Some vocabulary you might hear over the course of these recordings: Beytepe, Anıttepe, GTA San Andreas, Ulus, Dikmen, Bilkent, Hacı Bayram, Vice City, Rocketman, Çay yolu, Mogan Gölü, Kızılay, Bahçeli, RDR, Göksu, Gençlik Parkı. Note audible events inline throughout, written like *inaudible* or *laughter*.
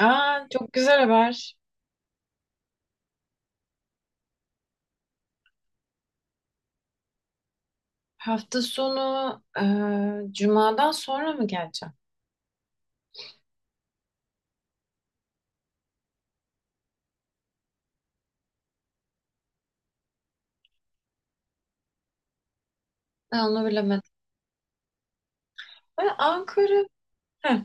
Aa, çok güzel haber. Hafta sonu Cuma'dan sonra mı geleceğim? Ben onu bilemedim. Ben Ankara. Heh,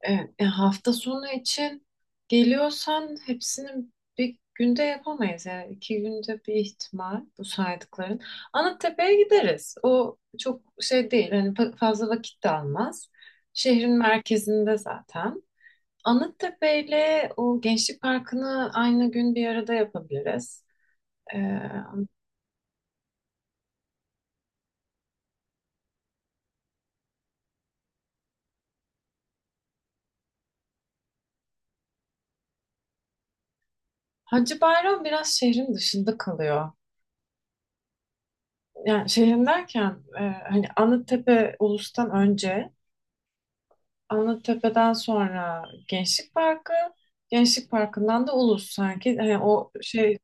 evet. E, hafta sonu için geliyorsan hepsini bir günde yapamayız. Yani iki günde bir ihtimal bu saydıkların. Anıttepe'ye gideriz. O çok şey değil. Hani fazla vakit de almaz. Şehrin merkezinde zaten. Anıttepe ile o Gençlik Parkı'nı aynı gün bir arada yapabiliriz. Hacı Bayram biraz şehrin dışında kalıyor. Yani şehrin derken e, hani Anıttepe Ulus'tan önce, Anıttepe'den sonra Gençlik Parkı, Gençlik Parkı'ndan da Ulus sanki. Hani o şey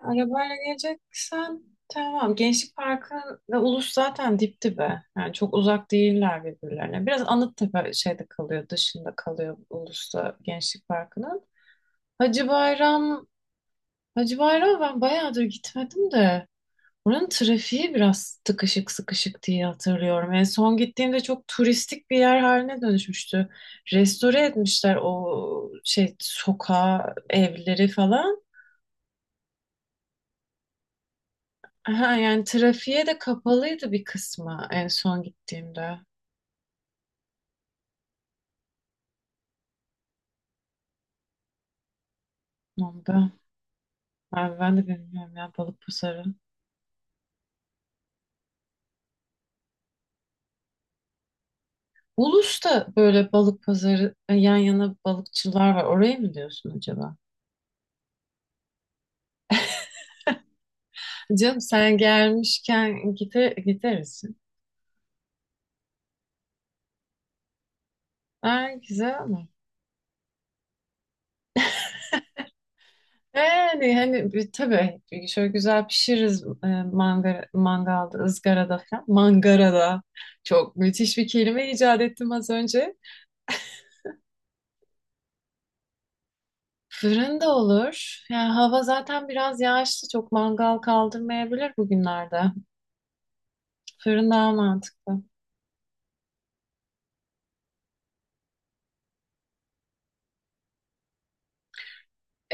arabayla geleceksen tamam. Gençlik Parkı ve Ulus zaten dip dibe. Yani çok uzak değiller birbirlerine. Biraz Anıttepe şeyde kalıyor, dışında kalıyor Ulus'ta Gençlik Parkı'nın. Hacı Bayram Hacı Bayram ben bayağıdır gitmedim de. Buranın trafiği biraz tıkışık sıkışık diye hatırlıyorum. En son gittiğimde çok turistik bir yer haline dönüşmüştü. Restore etmişler o şey sokağı, evleri falan. Ha, yani trafiğe de kapalıydı bir kısmı en son gittiğimde. Onda. Abi ben de bilmiyorum ya balık pazarı. Ulus'ta böyle balık pazarı yan yana balıkçılar var. Orayı mı diyorsun acaba? Canım sen gelmişken gideriz. Ha, güzel. Yani hani bir- tabii şöyle güzel pişiririz mangara, mangalda, ızgarada falan. Mangarada çok müthiş bir kelime icat ettim az önce. Fırında olur. Yani hava zaten biraz yağışlı. Çok mangal kaldırmayabilir bugünlerde. Fırın daha mantıklı.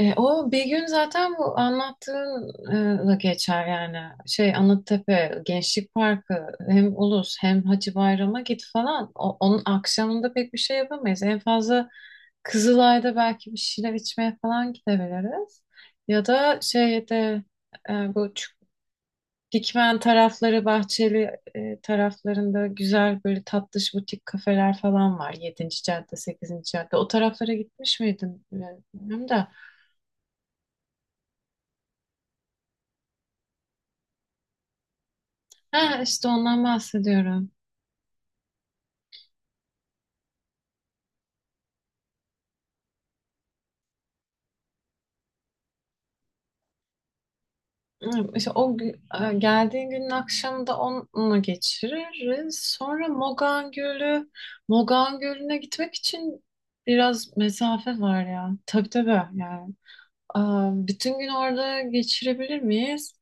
E, o bir gün zaten bu anlattığınla geçer yani. Şey Anıttepe, Gençlik Parkı hem Ulus hem Hacı Bayram'a git falan. Onun akşamında pek bir şey yapamayız. En fazla Kızılay'da belki bir şeyler içmeye falan gidebiliriz. Ya da şeyde e, bu Ç- Dikmen tarafları, Bahçeli taraflarında güzel böyle tatlış butik kafeler falan var. 7. cadde, 8. cadde. O taraflara gitmiş miydin? Bilmiyorum da. Ha, işte ondan bahsediyorum. Evet, İşte geldiğin günün akşamı da onunla geçiririz. Sonra Mogan Gölü, Mogan Gölü'ne gitmek için biraz mesafe var ya. Tabii tabii yani. Aa, bütün gün orada geçirebilir miyiz?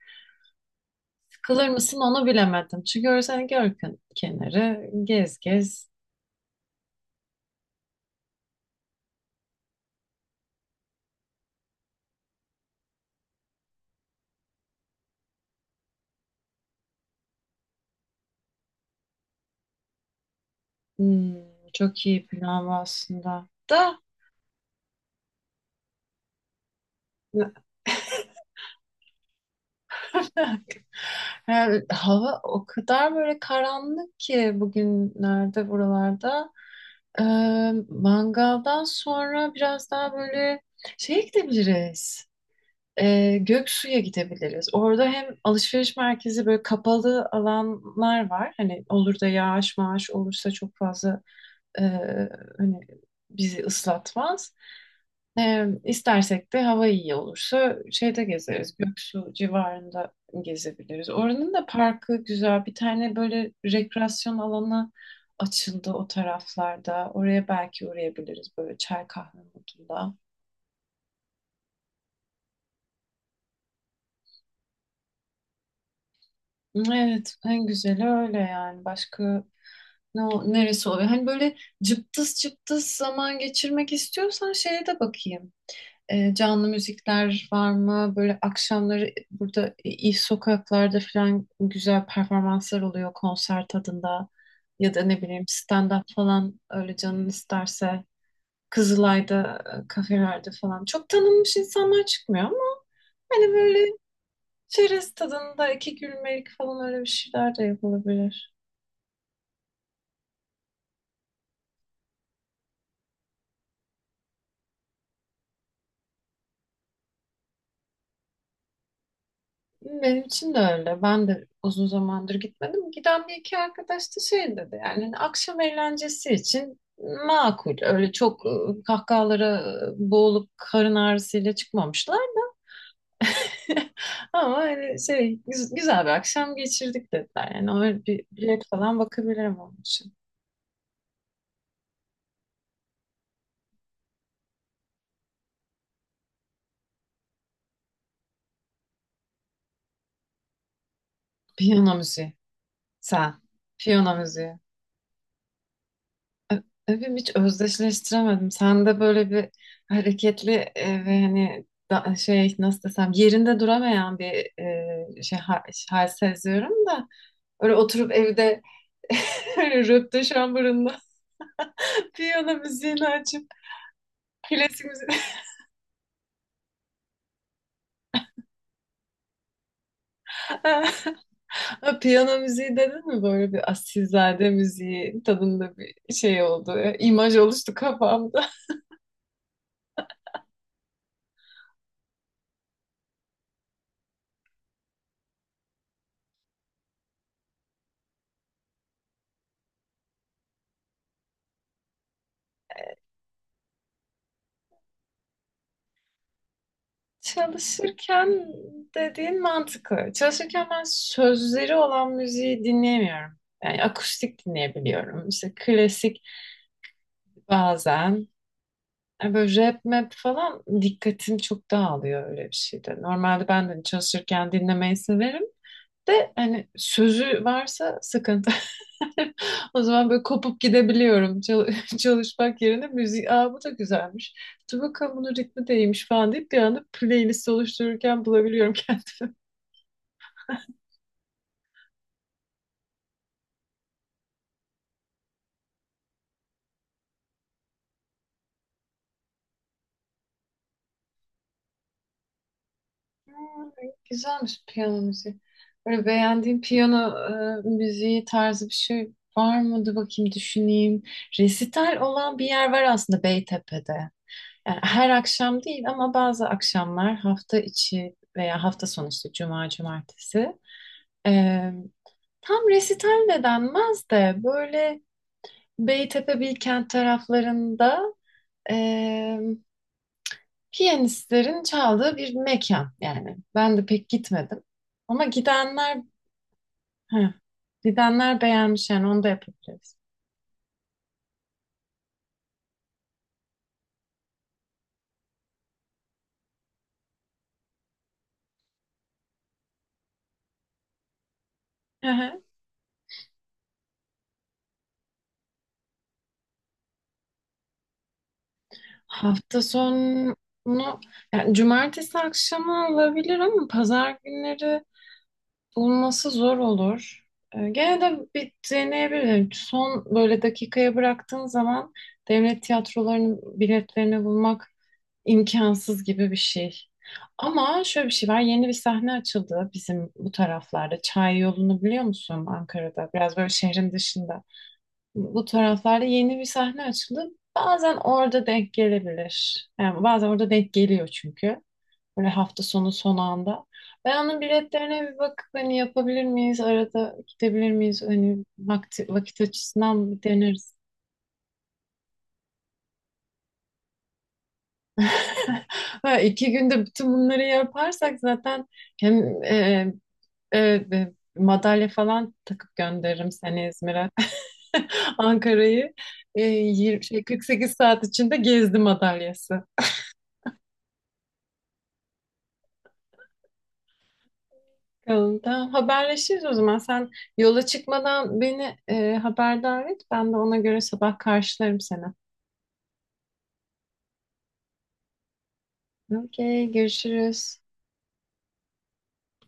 Sıkılır mısın onu bilemedim. Çünkü orası hani göl kenarı, gez gez. Hmm, çok iyi plan aslında. Da *laughs* yani hava o kadar böyle karanlık ki bugünlerde buralarda. Mangaldan sonra biraz daha böyle şeye gidebiliriz. Göksu'ya gidebiliriz. Orada hem alışveriş merkezi böyle kapalı alanlar var. Hani olur da yağış maaş olursa çok fazla e, hani bizi ıslatmaz. E, istersek de hava iyi olursa şeyde gezeriz. Göksu civarında gezebiliriz. Oranın da parkı güzel. Bir tane böyle rekreasyon alanı açıldı o taraflarda. Oraya belki uğrayabiliriz böyle çay kahve modunda. Evet, en güzeli öyle yani. Başka neresi oluyor? Hani böyle cıptız cıptız zaman geçirmek istiyorsan şeye de bakayım. Canlı müzikler var mı? Böyle akşamları burada iyi sokaklarda falan güzel performanslar oluyor konser tadında. Ya da ne bileyim stand-up falan öyle canın isterse. Kızılay'da, kafelerde falan. Çok tanınmış insanlar çıkmıyor ama hani böyle çerez tadında iki gülmelik falan öyle bir şeyler de yapılabilir. Benim için de öyle. Ben de uzun zamandır gitmedim. Giden bir iki arkadaş da şey dedi yani hani akşam eğlencesi için makul. Öyle çok kahkahalara boğulup karın ağrısıyla çıkmamışlar. Ama hani şey güzel bir akşam geçirdik dediler. Yani öyle bir bilet falan bakabilirim onun için. Piyano müziği. Sen. Piyano müziği. Ö- Övüm hiç özdeşleştiremedim. Sen de böyle bir hareketli ve hani şey nasıl desem yerinde duramayan bir e, şey ha- hal seziyorum da öyle oturup evde *laughs* öyle röpte şambarında *laughs* piyano müziğini açıp klasik müziği *laughs* Ha, piyano müziği dedin mi böyle bir asilzade müziği tadında bir şey oldu. İmaj oluştu kafamda. Çalışırken dediğin mantıklı. Çalışırken ben sözleri olan müziği dinleyemiyorum. Yani akustik dinleyebiliyorum. İşte klasik bazen. Yani böyle rap map falan dikkatim çok dağılıyor öyle bir şeyde. Normalde ben de çalışırken dinlemeyi severim. De hani sözü varsa sıkıntı. *laughs* O zaman böyle kopup gidebiliyorum. Çal- *laughs* çalışmak yerine müzik. Aa, bu da güzelmiş. Dur bakalım bunun ritmi değilmiş falan deyip bir anda playlist oluştururken bulabiliyorum *laughs* kendimi. Hmm, güzelmiş piyano müziği. Böyle beğendiğin piyano müziği tarzı bir şey var mıydı bakayım düşüneyim. Resital olan bir yer var aslında Beytepe'de. Yani her akşam değil ama bazı akşamlar hafta içi veya hafta sonu işte cuma cumartesi. E, tam resital de denmez de böyle Beytepe Bilkent taraflarında piyanistlerin çaldığı bir mekan yani. Ben de pek gitmedim. Ama heh, gidenler beğenmiş yani onu da yapabiliriz. Hı hı. Hafta sonu yani cumartesi akşamı olabilir ama pazar günleri bulması zor olur. Gene de bir deneyebilirim. Son böyle dakikaya bıraktığın zaman devlet tiyatrolarının biletlerini bulmak imkansız gibi bir şey. Ama şöyle bir şey var. Yeni bir sahne açıldı bizim bu taraflarda. Çay yolunu biliyor musun Ankara'da? Biraz böyle şehrin dışında. Bu taraflarda yeni bir sahne açıldı. Bazen orada denk gelebilir. Yani bazen orada denk geliyor çünkü. Böyle hafta sonu son anda. Ben onun biletlerine bir bakıp hani yapabilir miyiz? Arada gidebilir miyiz? Hani vakti, vakit açısından bir deneriz. *laughs* Ha, iki günde bütün bunları yaparsak zaten hem e, madalya falan takıp gönderirim seni İzmir'e. *laughs* Ankara'yı 48 saat içinde gezdi madalyası. Bakalım, tamam, haberleşiriz o zaman. Sen yola çıkmadan beni haberdar et. Ben de ona göre sabah karşılarım seni. Okey, görüşürüz.